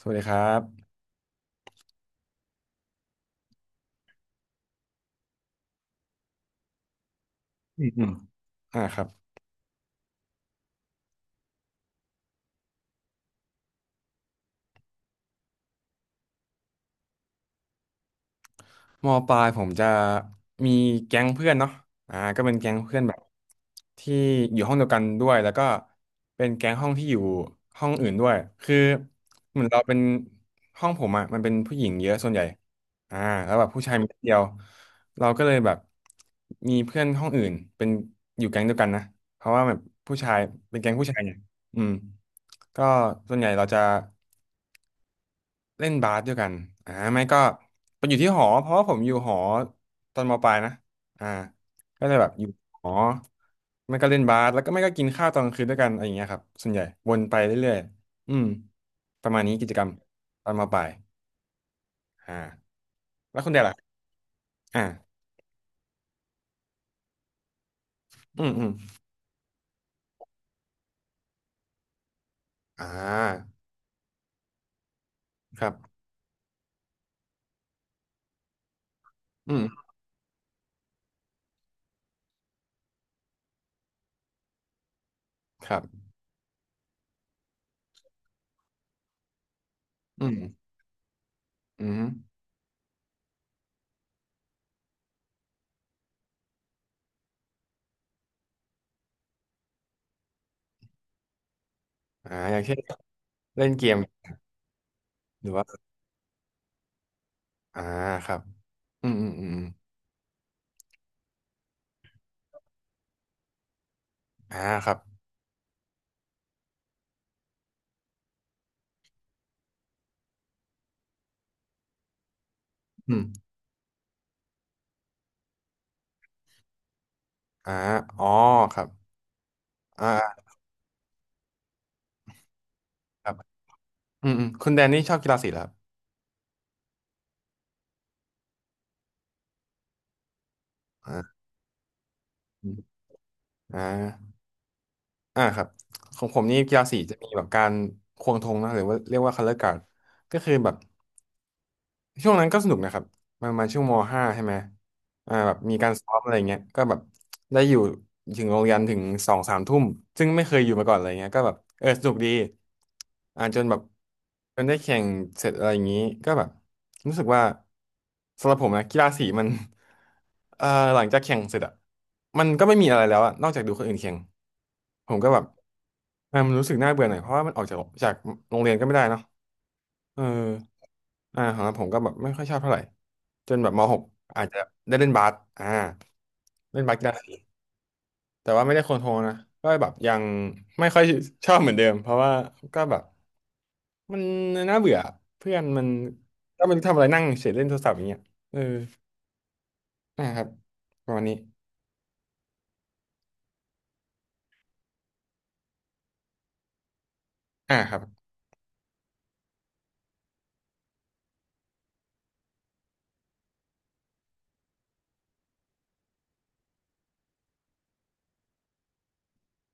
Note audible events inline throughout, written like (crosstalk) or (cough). สวัสดีครับอืมอืมอ่าครับมปลายผมจะมีแก๊งเพื่อนเนาะอ่าก็เป็นแก๊งเพื่อนแบบที่อยู่ห้องเดียวกันด้วยแล้วก็เป็นแก๊งห้องที่อยู่ห้องอื่นด้วยคือเหมือนเราเป็นห้องผมอะมันเป็นผู้หญิงเยอะส่วนใหญ่อ่าแล้วแบบผู้ชายมีนิดเดียวเราก็เลยแบบมีเพื่อนห้องอื่นเป็นอยู่แก๊งเดียวกันนะเพราะว่าแบบผู้ชายเป็นแก๊งผู้ชายเนี่ยอืมก็ส่วนใหญ่เราจะ เล่นบาสด้วยกันอ่าไม่ก็ไปอยู่ที่หอ เพราะว่าผมอยู่หอตอนมปลายนะอ่าก็เลยแบบอยู่หอไม่ก็เล่นบาสแล้วก็ไม่ก็กินข้าวตอนกลางคืนด้วยกันอะไรอย่างเงี้ยครับส่วนใหญ่วนไปเรื่อยๆอืมประมาณนี้กิจกรรมตอนมปลายอ่าแล้วคุณเดชล่ะอ่าอืมอืมอ่าครับอืมครับอืมอืมอ่าอย่างเช่นเล่นเกมหรือว่าอ่าครับอืมอืมอืมอมอ่าครับอืมอ่าอ๋อครับอ่าครับ อืมอืมคุณแดนนี่ชอบกีฬาสีเหรอครับอ่าอมอ่าอ่าครับของผมนี่กีฬาสีจะมีแบบการควงธงนะหรือว่าเรียกว่าคัลเลอรการก็คือแบบ ช่วงนั้นก็สนุกนะครับมรมาช่วงมห้าใช่ไหมอ่าแบบมีการซ้อมอะไรเงี้ยก็แบบได้อยู่ถึงโรงเรียนถึงสองสามทุ่มซึ่งไม่เคยอยู่มาก่อนอะไรเงี้ยก็แบบเออสนุกดีอ่าจนแบบจนได้แข่งเสร็จอะไรอย่างนี้ก็แบบรู้สึกว่าสำหรับผมนะกีฬาสีมัน (laughs) เอ่อหลังจากแข่งเสร็จอะมันก็ไม่มีอะไรแล้วอะนอกจากดูคนอื่นแข่งผมก็แบบเออมันรู้สึกน่าเบื่อหน่อยเพราะว่ามันออกจากโรงเรียนก็ไม่ได้เนาะ เอออ่าของผมก็แบบไม่ค่อยชอบเท่าไหร่จนแบบมหกอาจจะได้เล่นบาสอ่าเล่นบาสกีฬาสีแต่ว่าไม่ได้โคนโทรนะ ก็แบบยังไม่ค่อยชอบเหมือนเดิม เพราะว่าก็แบบมันน่าเบื่อเพื่อนมันก็มันทำอะไรนั่งเฉยเล่นโทรศัพท์อย่างเงี้ยเออนะครับประมาณนี้อ่าครับ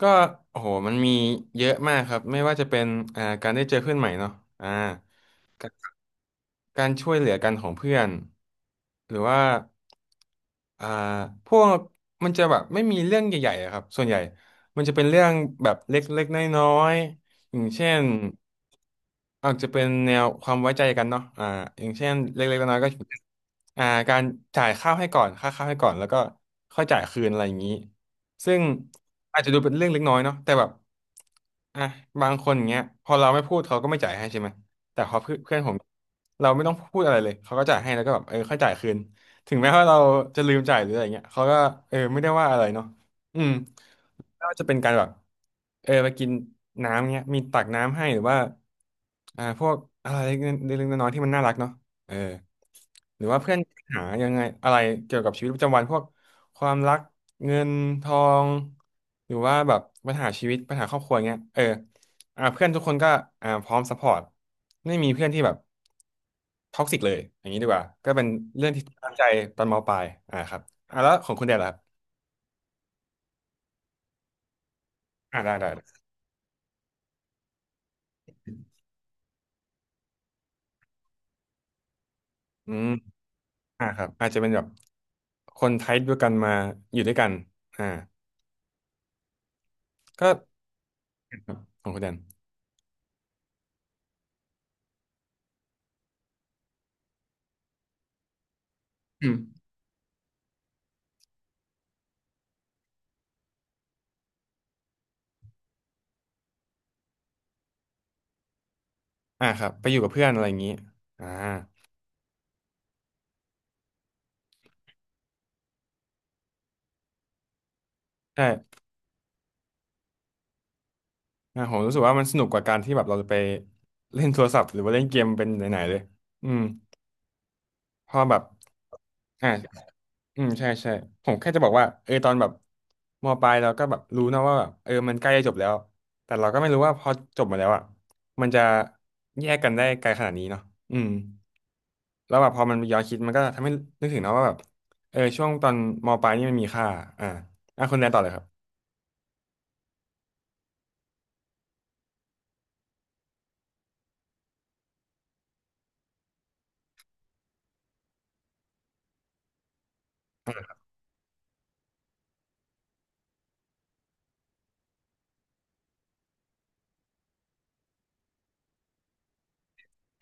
ก็โอ้โหมันมีเยอะมากครับ ไม่ว่าจะเป็นอ่าการได้เจอเพื่อนใหม่เนาะอ่า การช่วยเหลือกันของเพื่อนหรือว่าอ่าพวกมันจะแบบไม่มีเรื่องใหญ่ๆอะครับส่วนใหญ่มันจะเป็นเรื่องแบบเล็กๆน้อยๆอย่างเช่น อาจจะเป็นแนวความไว้ใจกันเนาะอ่าอย่างเช่นเล็กๆน้อยๆก็อ่าการจ่ายข้าวให้ก่อนค่าข้าวให้ก่อนแล้วก็ค่อยจ่ายคืนอะไรอย่างนี้ซึ่งอาจจะดูเป็นเรื่องเล็กน้อยเนาะแต่แบบอ่ะบางคนอย่างเงี้ยพอเราไม่พูดเขาก็ไม่จ่ายให้ใช่ไหมแต่พอเพื่อนเพื่อนผมเราไม่ต้องพูดอะไรเลยเขาก็จ่ายให้แล้วก็แบบเออค่อยจ่ายคืนถึงแม้ว่าเราจะลืมจ่ายหรืออะไรเงี้ยเขาก็เออไม่ได้ว่าอะไรเนาะ อืมไม่ว่าจะเป็นการแบบเออไปกินน้ำเงี้ยมีตักน้ำให้หรือว่าอ่าพวกอะไรเล็กๆน้อยๆที่มันน่ารักเนาะเออหรือว่าเพื่อนหายังไงอะไรเกี่ยวกับชีวิตประจำวันพวกความรักเงินทองหรือว่าแบบปัญหาชีวิตปัญหาครอบครัวเงี้ยเอออ่าเพื่อนทุกคนก็อ่าพร้อมซัพพอร์ตไม่มีเพื่อนที่แบบท็อกซิกเลยอย่างนี้ดีกว่าก็เป็นเรื่องที่ตั้งใจตอนมปลายอ่าครับอ่าแล้วของคุณแดนล่ะครับอ่าได้ได้ได้อืม อ่าครับอาจจะเป็นแบบคนไทป์เดียวกันมาอยู่ด้วยกันอ่าก็ครับของคุณแดนอืมอ่าครับไปอยู่กับเพื่อนอะไรอย่างนี้อ่าใช่อ่าผมรู้สึกว่ามันสนุกกว่าการที่แบบเราจะไปเล่นโทรศัพท์หรือว่าเล่นเกมเป็นไหนๆเลยอืมเพอแบบอ่าอืมใช่ใช่ผมแค่จะบอกว่าเออตอนแบบมปลายเราก็แบบรู้นะว่าแบบเออมันใกล้จะจบแล้วแต่เราก็ไม่รู้ว่าพอจบมาแล้วอ่ะมันจะแยกกันได้ไกลขนาดนี้เนาะอืม แล้วแบบพอมันย้อนคิดมันก็ทำให้นึกถึงเนาะว่าแบบเออช่วงตอนมปลายนี่มันมีค่าอ่าอ่ะคุณแดนต่อเลยครับ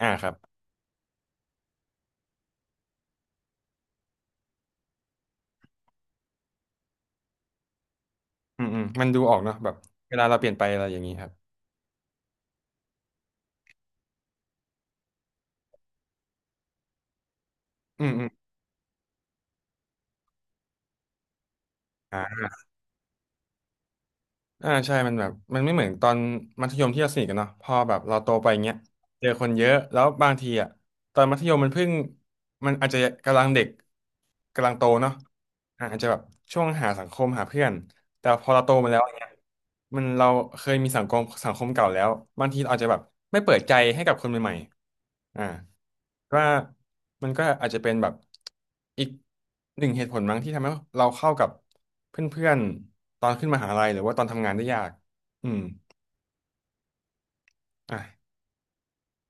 อ่าครับอืมอืมมันดูออกเนาะแบบเวลาเราเปลี่ยนไปอะไรอย่างนี้ครับอืมอืมอ่าอ่าใช่มันแบบมันไม่เหมือนตอนมัธยมที่เราสนิทกันเนาะพอแบบเราโตไปเงี้ยเจอคนเยอะแล้วบางทีอ่ะตอนมัธยมมันเพิ่งมันอาจจะกำลังเด็กกำลังโตเนาะ อาจจะแบบช่วงหาสังคมหาเพื่อนแต่พอเราโตมาแล้วเนี่ยมันเราเคยมีสังคมเก่าแล้วบางทีเราอาจจะแบบไม่เปิดใจให้กับคนใหม่ๆว่ามันก็อาจจะเป็นแบบอีกหนึ่งเหตุผลมั้งที่ทำให้เราเข้ากับเพื่อนๆตอนขึ้นมหาลัยหรือว่าตอนทำงานได้ยากอืมอ่ะ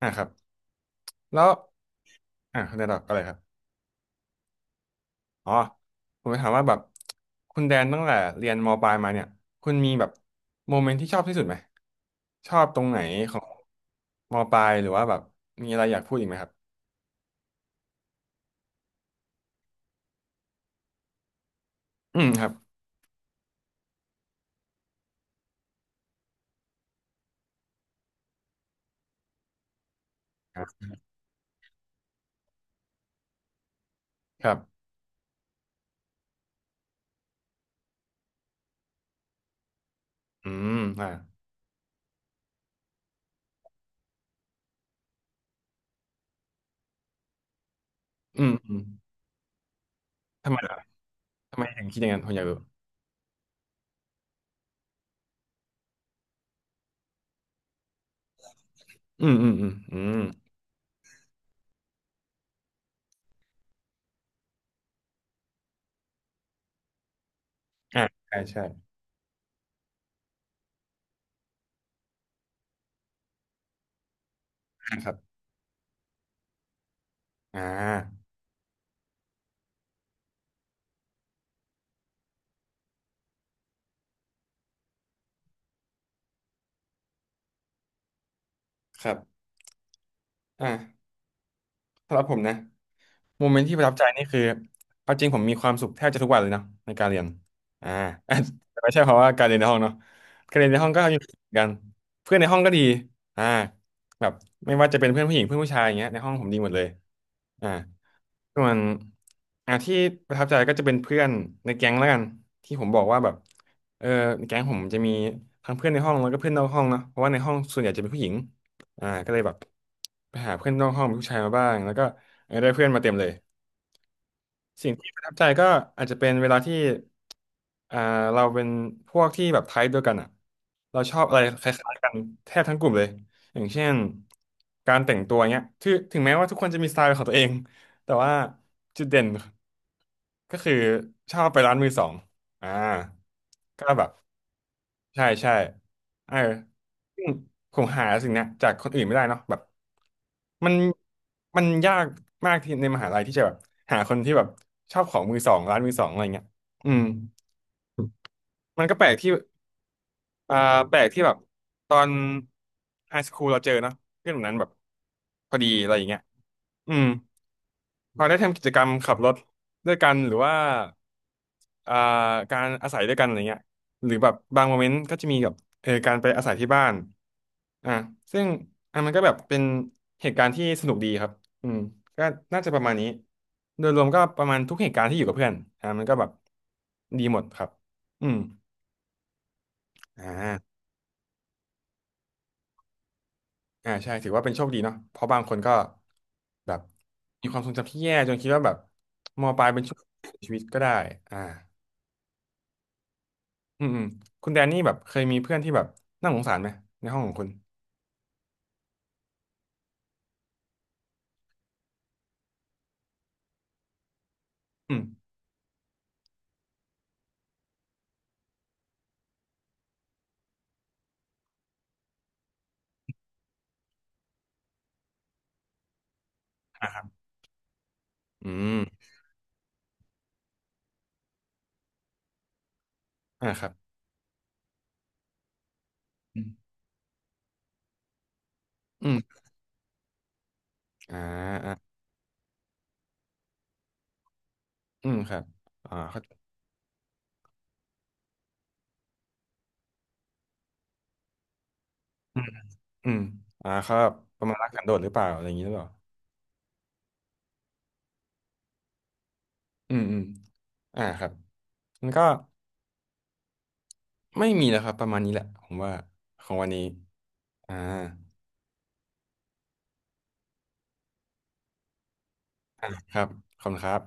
อ่ะครับแล้วอ่ะคุณอาอะไรครับ อ๋อผมจะถามว่าแบบคุณแดนตั้งแต่เรียนมปลายมาเนี่ยคุณมีแบบโมเมนต์ที่ชอบที่สุดไหมชอบตรงไหนของมปลายหรือว่าแบบมีอะไรอยากพูดอีกไหมครับอืมครับครับครับอืมอืมอืมทำไมล่ะทำไมถึงคิดอย่างนั้นผมอยากรู้อืมอืมอืมอืมอ่าใช่ใช่อ่าครับอ่าครับอ่าสำหรับผมนะ โมเมนต์ที่ประทับใจนี่คือเอาจริงผมมีความสุขแทบจะทุกวันเลยนะในการเรียนอ่า (laughs) แต่ไม่ใช่เพราะว่าการเรียนในห้องเนาะการเรียนในห้องก็ยังเหมือนกันเพื่อนในห้องก็ดีอ่าแบบไม่ว่าจะเป็นเพื่อนผู้หญิงเพื่อนผู้ชายอย่างเงี้ยในห้องผมดีหมดเลยอ่าส่วนที่ประทับใจก็จะเป็นเพื่อนในแก๊งแล้วกันที่ผมบอกว่าแบบเออในแก๊งผมจะมีทั้งเพื่อนในห้องแล้วก็เพื่อนนอกห้องเนาะเพราะว่าในห้องส่วนใหญ่จะเป็นผู้หญิงก็เลยแบบไปหาเพื่อนนอกห้องเป็นผู้ชายมาบ้างแล้วก็ เออได้เพื่อนมาเต็มเลยสิ่งที่ประทับใจก็อาจจะเป็นเวลาที่อ่าเราเป็นพวกที่แบบไทป์เดียวกันอ่ะเราชอบอะไรคล้ายๆกันแทบทั้งกลุ่มเลยอย่างเช่นการแต่งตัวเนี้ยถึงแม้ว่าทุกคนจะมีสไตล์เป็นของตัวเองแต่ว่าจุดเด่นก็คือชอบไปร้านมือสองอ่าก็แบบ ใช่ใช่เออซึ่งผมหาสิ่งเนี้ยจากคนอื่นไม่ได้เนาะแบบมันมันยากมากที่ในมหาลัยที่จะแบบหาคนที่แบบชอบของมือสองร้านมือสองอะไรเงี้ยอืมมันก็แปลกที่อ่าแปลกที่แบบตอนไฮสคูลเราเจอเนาะเพื่อนแบบนั้นแบบพอดีอะไรอย่างเงี้ยอืมพอได้ทำกิจกรรมขับรถด้วยกันหรือว่า อ่าการอาศัยด้วยกันอะไรเงี้ยหรือแบบบางโมเมนต์ก็จะมีแบบเออการไปอาศัยที่บ้านอ่าซึ่งอ่ะมันก็แบบเป็นเหตุการณ์ที่สนุกดีครับอืมก็น่าจะประมาณนี้โดยรวมก็ประมาณทุกเหตุการณ์ที่อยู่กับเพื่อนมันก็แบบดีหมดครับอืมอ่าอ่าใช่ถือว่าเป็นโชคดีเนาะเพราะบางคนก็แบบมีความทรงจำที่แย่จนคิดว่าแบบมปลายเป็นช่วงชีวิตก็ได้อ่าอืมอืมคุณแดนนี่แบบเคยมีเพื่อนที่แบบน่าสงสารไหมในห้องของคุณ อืมอ่าครับอืมอ่าครับอืมอืมอ่าอ่าอืมครับเขาอืมอืมเขาแบบประมาณรักสันโดษหรือเปล่าอะไรอย่างนี้หรือเปล่าอืมอืมอ่าครับมันก็ไม่มีแล้วครับประมาณนี้แหละผมว่าของวันนี้อ่าอ่าครับขอบคุณครับ